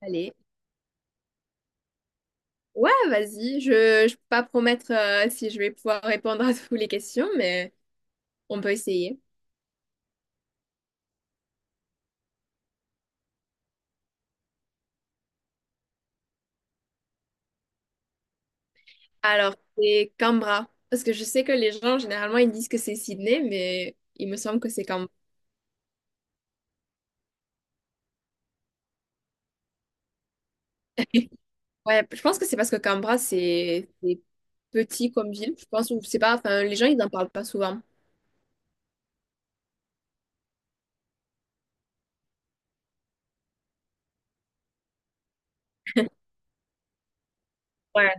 Allez. Ouais, vas-y. Je peux pas promettre si je vais pouvoir répondre à toutes les questions, mais on peut essayer. Alors, c'est Canberra. Parce que je sais que les gens, généralement, ils disent que c'est Sydney, mais il me semble que c'est Canberra. Ouais, je pense que c'est parce que Canberra, c'est petit comme ville. Je pense, ou je sais pas, enfin, les gens, ils n'en parlent pas souvent. Ouais.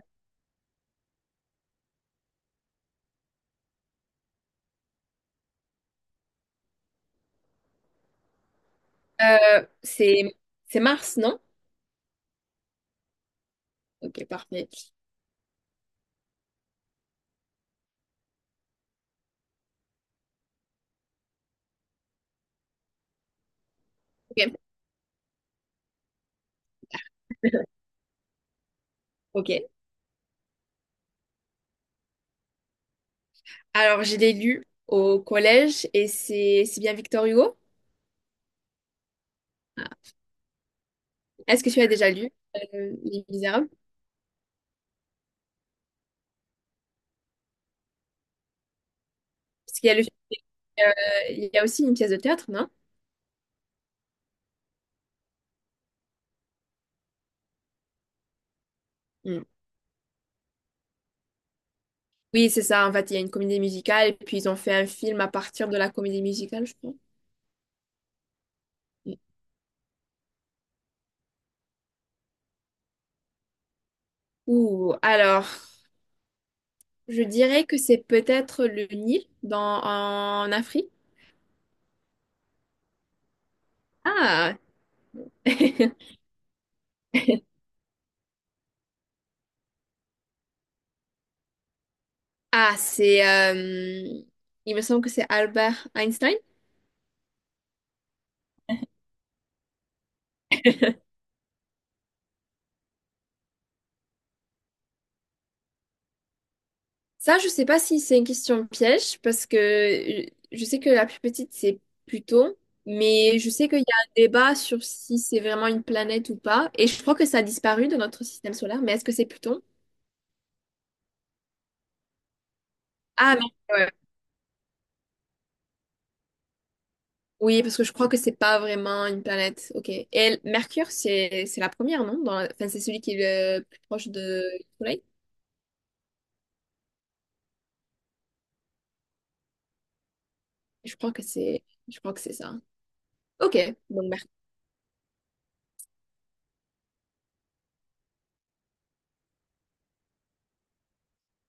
Euh, c'est c'est Mars, non? Ok, parfait. Ok, ok. Alors, je l'ai lu au collège et c'est bien Victor Hugo? Est-ce que tu as déjà lu Les Misérables? Parce qu'il y a le, il y a aussi une pièce de théâtre, non? Mm. Oui, c'est ça. En fait, il y a une comédie musicale et puis ils ont fait un film à partir de la comédie musicale, je crois. Mm. Ouh, alors, je dirais que c'est peut-être le Nil dans, en Afrique. Ah, ah, c'est, euh, il me semble que c'est Albert Einstein. Ça, je sais pas si c'est une question piège, parce que je sais que la plus petite, c'est Pluton, mais je sais qu'il y a un débat sur si c'est vraiment une planète ou pas, et je crois que ça a disparu de notre système solaire, mais est-ce que c'est Pluton? Ah, mais ouais. Oui, parce que je crois que c'est pas vraiment une planète. Ok. Et l- Mercure, c'est la première, non? Dans la- Enfin, c'est celui qui est le plus proche de- du Soleil. Je crois que c'est je crois que c'est ça. Ok. Donc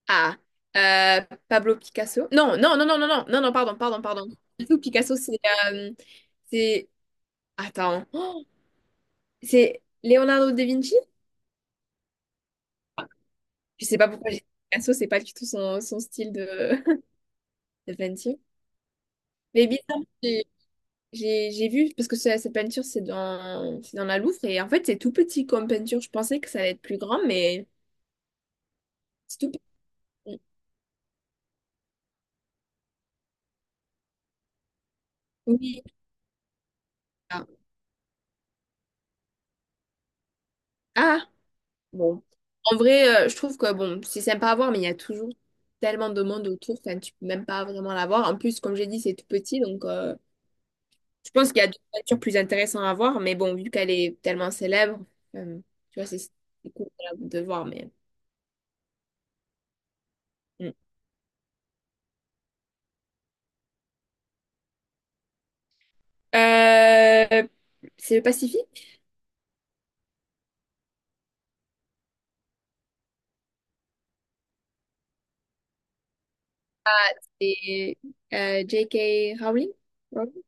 Ah, euh, Pablo Picasso. Non, non, non, non, non, non, non, non, pardon, pardon, pardon. Pablo Picasso, euh, c'est, Oh, c'est Leonardo da Vinci? Je sais pas pourquoi j'ai dit Picasso, c'est pas du tout son, son style de, de peinture. Mais bizarre, j'ai vu, parce que ce- cette peinture, c'est dans la Louvre, et en fait, c'est tout petit comme peinture. Je pensais que ça allait être plus grand, mais c'est tout petit. Oui. Ah, Ah. Bon. En vrai, je trouve que bon, c'est sympa à voir, mais il y a toujours tellement de monde autour, enfin, tu peux même pas vraiment la voir. En plus, comme j'ai dit, c'est tout petit, donc je pense qu'il y a d'autres voitures plus intéressantes à voir, mais bon, vu qu'elle est tellement célèbre, euh, tu vois, c'est cool de voir, mais. Mm. Euh, c'est le Pacifique et J.K. Rowling. Rowling.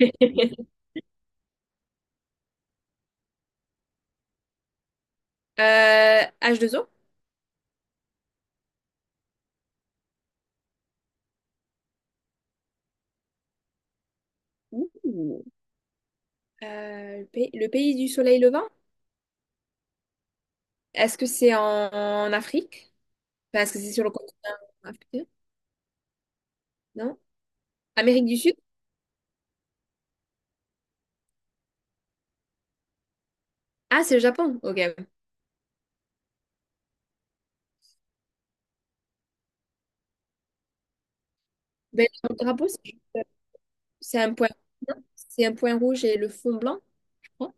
H2O. Ouh. Le pays du soleil levant. Est-ce que c'est en Afrique? Parce que c'est sur le continent africain, non? Amérique du Sud? Ah, c'est le Japon. Ok. Ben, le drapeau, c'est un point. Non, c'est un point rouge et le fond blanc, je crois.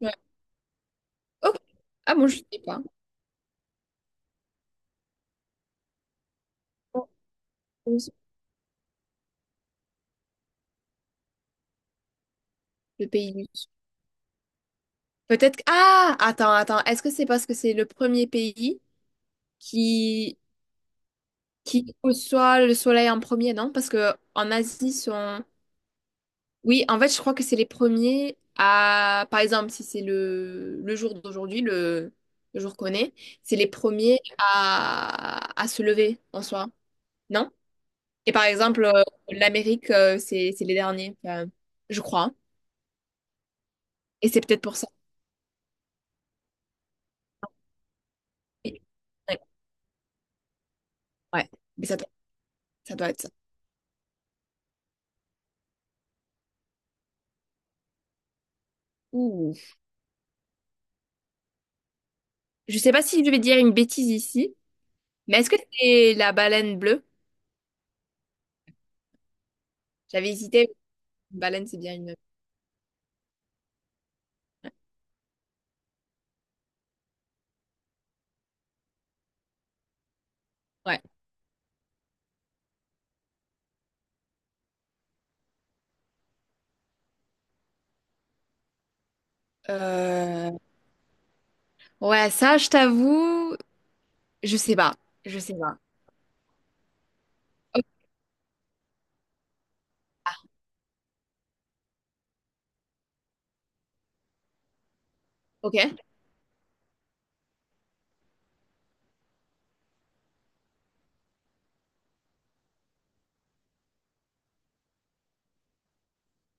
Ouais. Ok. Ah bon, je sais pas. Oh, oh, c'est le pays du Sud. Peut-être que... Ah! Attends, attends. Est-ce que c'est parce que c'est le premier pays qui... qui reçoit le soleil en premier, non? Parce que en Asie, sont... Oui, en fait, je crois que c'est les premiers à, par exemple, si c'est le jour d'aujourd'hui, le jour qu'on est, c'est les premiers à se lever en soi, non? Et par exemple, l'Amérique, c'est les derniers, je crois. Et c'est peut-être pour ça. Oui. Ouais, ouais. Mais ça doit être ça. Ouh. Je sais pas si je vais dire une bêtise ici, mais est-ce que c'est la baleine bleue? J'avais hésité. Une baleine, c'est bien une. Ouais. Euh, ouais, ça, je t'avoue. Je sais pas, je sais pas. O- Ok.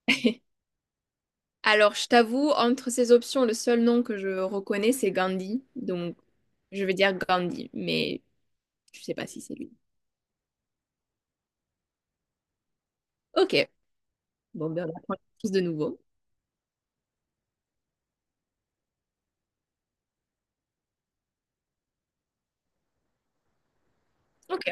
Alors, je t'avoue, entre ces options, le seul nom que je reconnais, c'est Gandhi. Donc, je vais dire Gandhi, mais je sais pas si c'est lui. Ok. Bon, ben, on apprend tous de nouveau. Ok.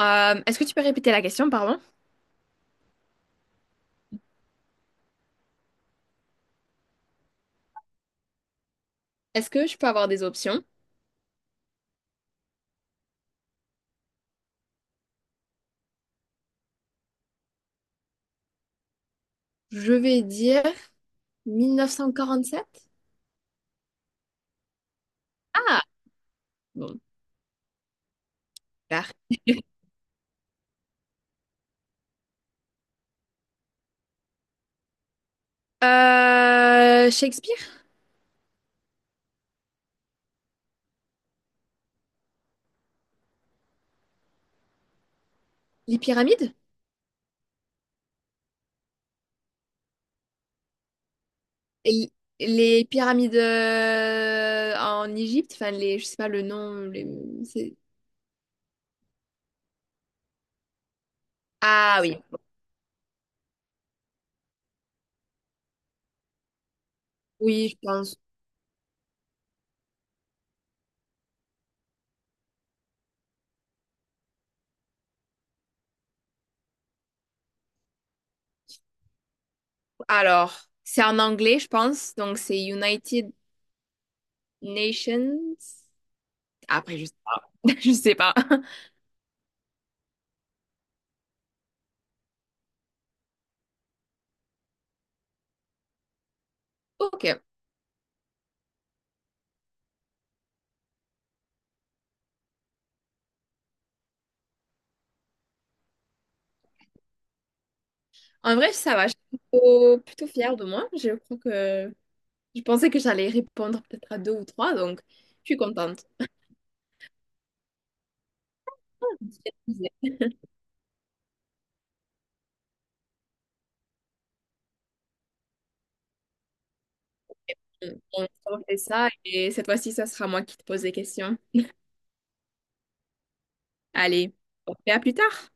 Est-ce que tu peux répéter la question, pardon? Est-ce que je peux avoir des options? Je vais dire 1947. Ah, bon, super. Shakespeare? Les pyramides? Et les pyramides en Égypte, enfin les, je sais pas le nom, les- c'est- Ah oui, oui, je pense. Alors, c'est en anglais, je pense, donc c'est United Nations. Après, je sais pas. Je sais pas. Ok. En vrai, ça va. Je suis plutôt fière de moi. Je crois que je pensais que j'allais répondre peut-être à deux ou trois, donc je suis contente. On fait ça et cette fois-ci, ça sera moi qui te pose des questions. Allez, on fait à plus tard.